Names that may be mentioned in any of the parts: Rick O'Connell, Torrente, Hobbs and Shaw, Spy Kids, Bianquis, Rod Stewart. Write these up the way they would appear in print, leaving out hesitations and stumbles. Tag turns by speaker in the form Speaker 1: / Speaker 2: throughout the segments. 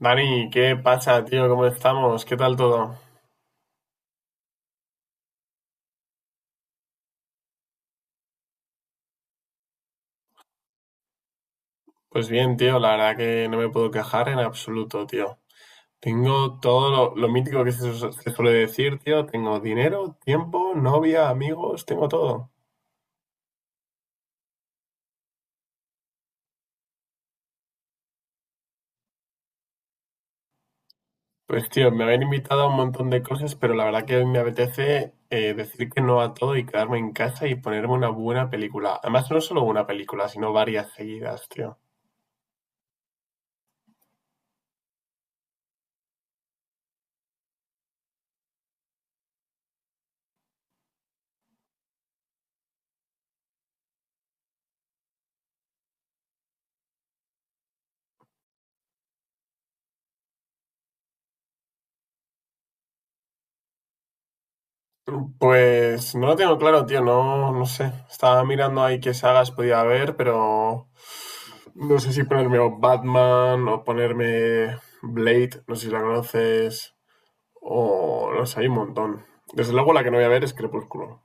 Speaker 1: Dani, ¿qué pasa, tío? ¿Cómo estamos? ¿Qué tal todo? Pues bien, tío, la verdad que no me puedo quejar en absoluto, tío. Tengo todo lo mítico que se suele decir, tío. Tengo dinero, tiempo, novia, amigos, tengo todo. Pues, tío, me habían invitado a un montón de cosas, pero la verdad que hoy me apetece decir que no a todo y quedarme en casa y ponerme una buena película. Además, no solo una película, sino varias seguidas, tío. Pues no lo tengo claro, tío, no, no sé. Estaba mirando ahí qué sagas podía haber, pero no sé si ponerme o Batman o ponerme Blade, no sé si la conoces, o no sé, hay un montón. Desde luego la que no voy a ver es Crepúsculo.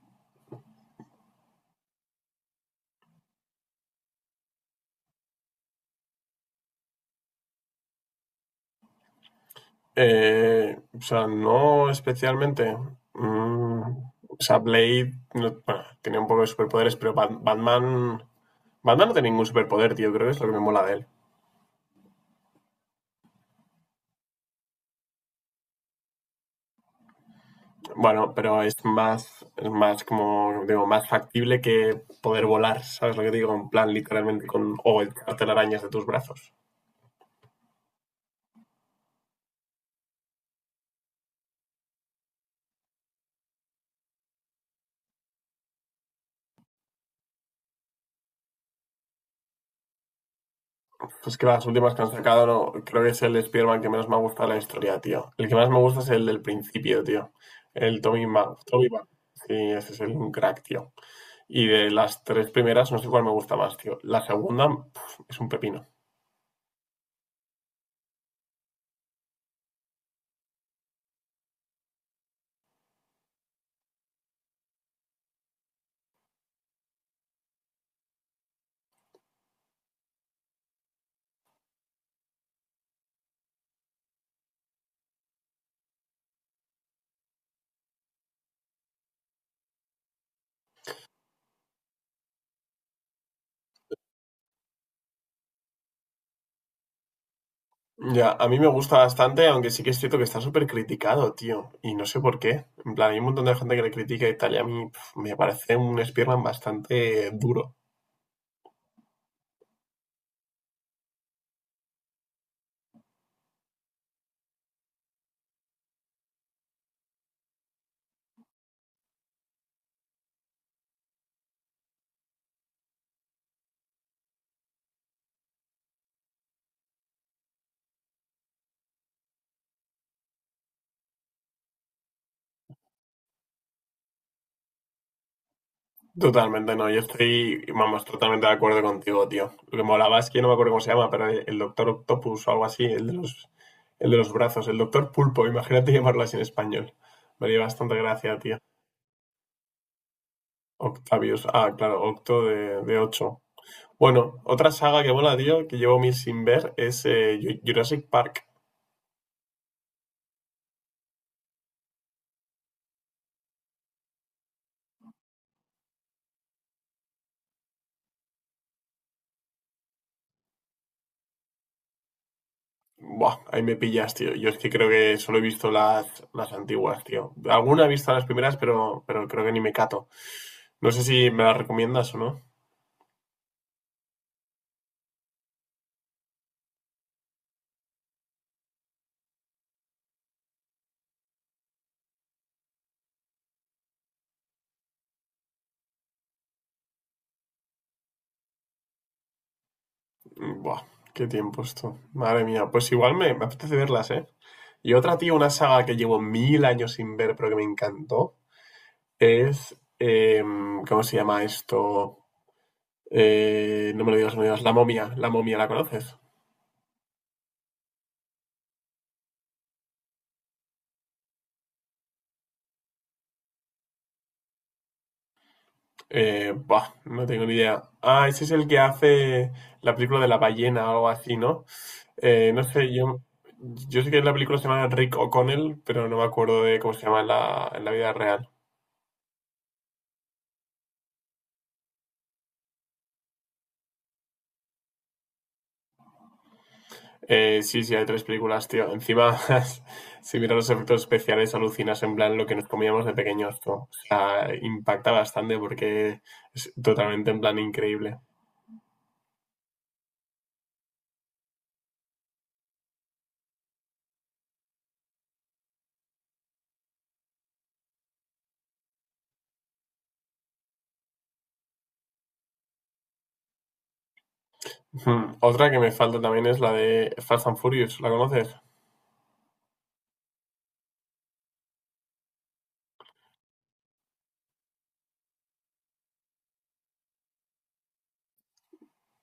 Speaker 1: O sea, no especialmente. Mm, o sea, Blade no- bueno, tenía un poco de superpoderes, pero Batman... Batman no tiene ningún superpoder, tío, creo que es lo que me mola de él. Bueno, pero es más como, digo, más factible que poder volar, ¿sabes lo que digo? En plan, literalmente con, o echarte las arañas de tus brazos. Pues que las últimas que han sacado, no, creo que es el Spider-Man que menos me ha gustado la historia, tío. El que más me gusta es el del principio, tío. El Tommy Ma- Sí, ese es el un crack, tío. Y de las tres primeras, no sé cuál me gusta más, tío. La segunda, pf, es un pepino. Ya, a mí me gusta bastante, aunque sí que es cierto que está súper criticado, tío. Y no sé por qué. En plan, hay un montón de gente que le critica y tal, y a mí pf, me parece un Spearman bastante duro. Totalmente, no. Yo estoy, vamos, totalmente de acuerdo contigo, tío. Lo que molaba es que no me acuerdo cómo se llama, pero el Doctor Octopus o algo así, el de los brazos, el Doctor Pulpo, imagínate llamarlo así en español. Me haría bastante gracia, tío. Octavius, ah, claro, Octo de 8. Bueno, otra saga que mola, tío, que llevo mil sin ver, es Jurassic Park. Buah, ahí me pillas, tío. Yo es que creo que solo he visto las antiguas, tío. Alguna he visto las primeras, pero creo que ni me cato. No sé si me las recomiendas o no. Buah, qué tiempo esto. Madre mía, pues igual me apetece verlas, ¿eh? Y otra, tío, una saga que llevo mil años sin ver, pero que me encantó, es... ¿cómo se llama esto? No me lo digas, no me lo digas. La momia, la momia, ¿la conoces? Buah, no tengo ni idea. Ah, ese es el que hace la película de la ballena o algo así, ¿no? No sé, yo sé que en la película se llama Rick O'Connell, pero no me acuerdo de cómo se llama en en la vida real. Sí, sí, hay tres películas, tío. Encima, si miras los efectos especiales, alucinas en plan lo que nos comíamos de pequeños, tú. O sea, impacta bastante porque es totalmente en plan increíble. Otra que me falta también es la de Fast and Furious, ¿la conoces?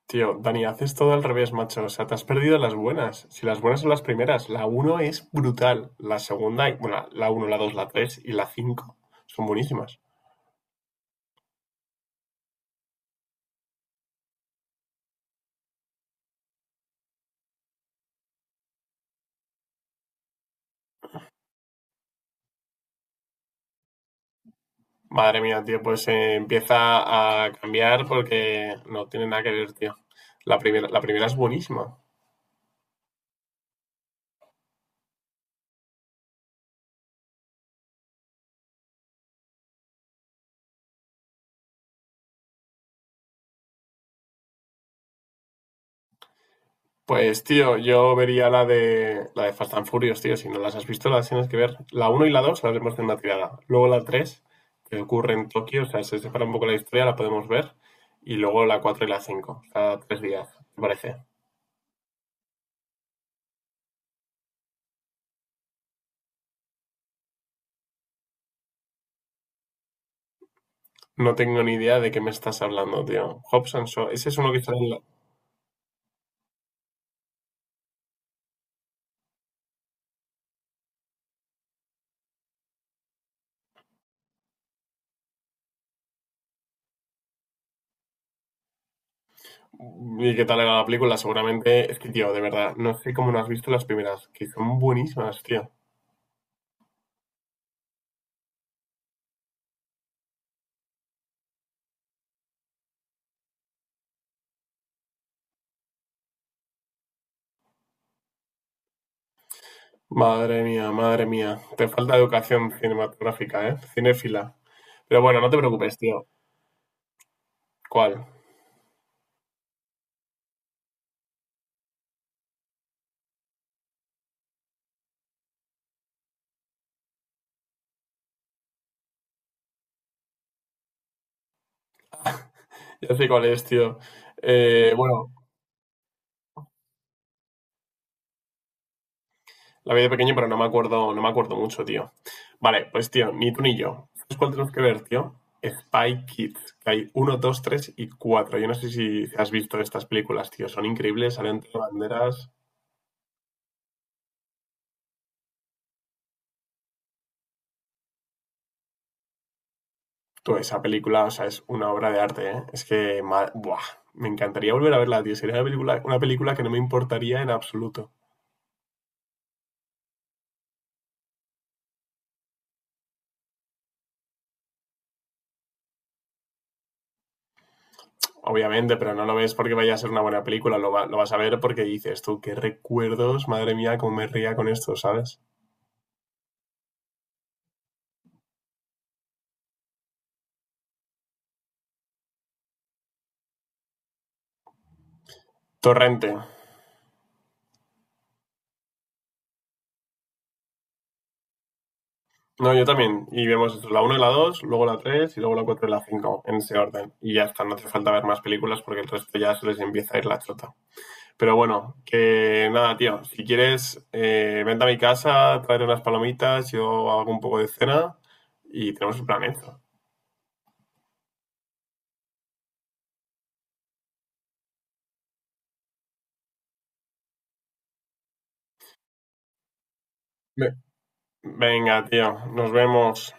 Speaker 1: Tío, Dani, haces todo al revés, macho. O sea, te has perdido las buenas. Si las buenas son las primeras, la uno es brutal. Bueno, la uno la 2 la 3 y la cinco son buenísimas. Madre mía, tío, pues empieza a cambiar porque no tiene nada que ver, tío. La primera es buenísima. Pues, tío, yo vería la de Fast and Furious, tío. Si no las has visto, las tienes que ver. La uno y la 2 las vemos en una tirada. Luego la 3 que ocurre en Tokio, o sea, se separa un poco la historia, la podemos ver. Y luego la 4 y la 5, cada tres días, ¿te parece? No tengo ni idea de qué me estás hablando, tío. Hobbs and Shaw, ese es uno que sale en la... ¿Y qué tal era la película? Seguramente, es que, tío, de verdad, no sé cómo no has visto las primeras, que son buenísimas, tío. Madre mía, madre mía. Te falta educación cinematográfica, ¿eh? Cinéfila. Pero bueno, no te preocupes, tío. ¿Cuál? Ya sé cuál es, tío. Eh, bueno, la vi de pequeño, pero no me acuerdo, no me acuerdo mucho, tío. Vale, pues tío, ni tú ni yo. ¿Sabes cuál tenemos que ver, tío? Spy Kids, que hay uno, dos, tres y cuatro. Yo no sé si has visto estas películas, tío. Son increíbles, salen tres banderas. Tú, esa película, o sea, es una obra de arte, ¿eh? Es que, buah, me encantaría volver a verla, tío. Sería una película que no me importaría en absoluto. Obviamente, pero no lo ves porque vaya a ser una buena película, lo vas a ver porque dices, tú, qué recuerdos, madre mía, cómo me ría con esto, ¿sabes? Torrente. No, yo también. Y vemos esto, la uno y la 2 luego la 3 y luego la 4 y la 5 en ese orden. Y ya está, no hace falta ver más películas porque el resto ya se les empieza a ir la chota. Pero bueno, que nada, tío. Si quieres, vente a mi casa, traer unas palomitas, yo hago un poco de cena y tenemos el plan hecho. Ve- Venga, tío. Nos vemos.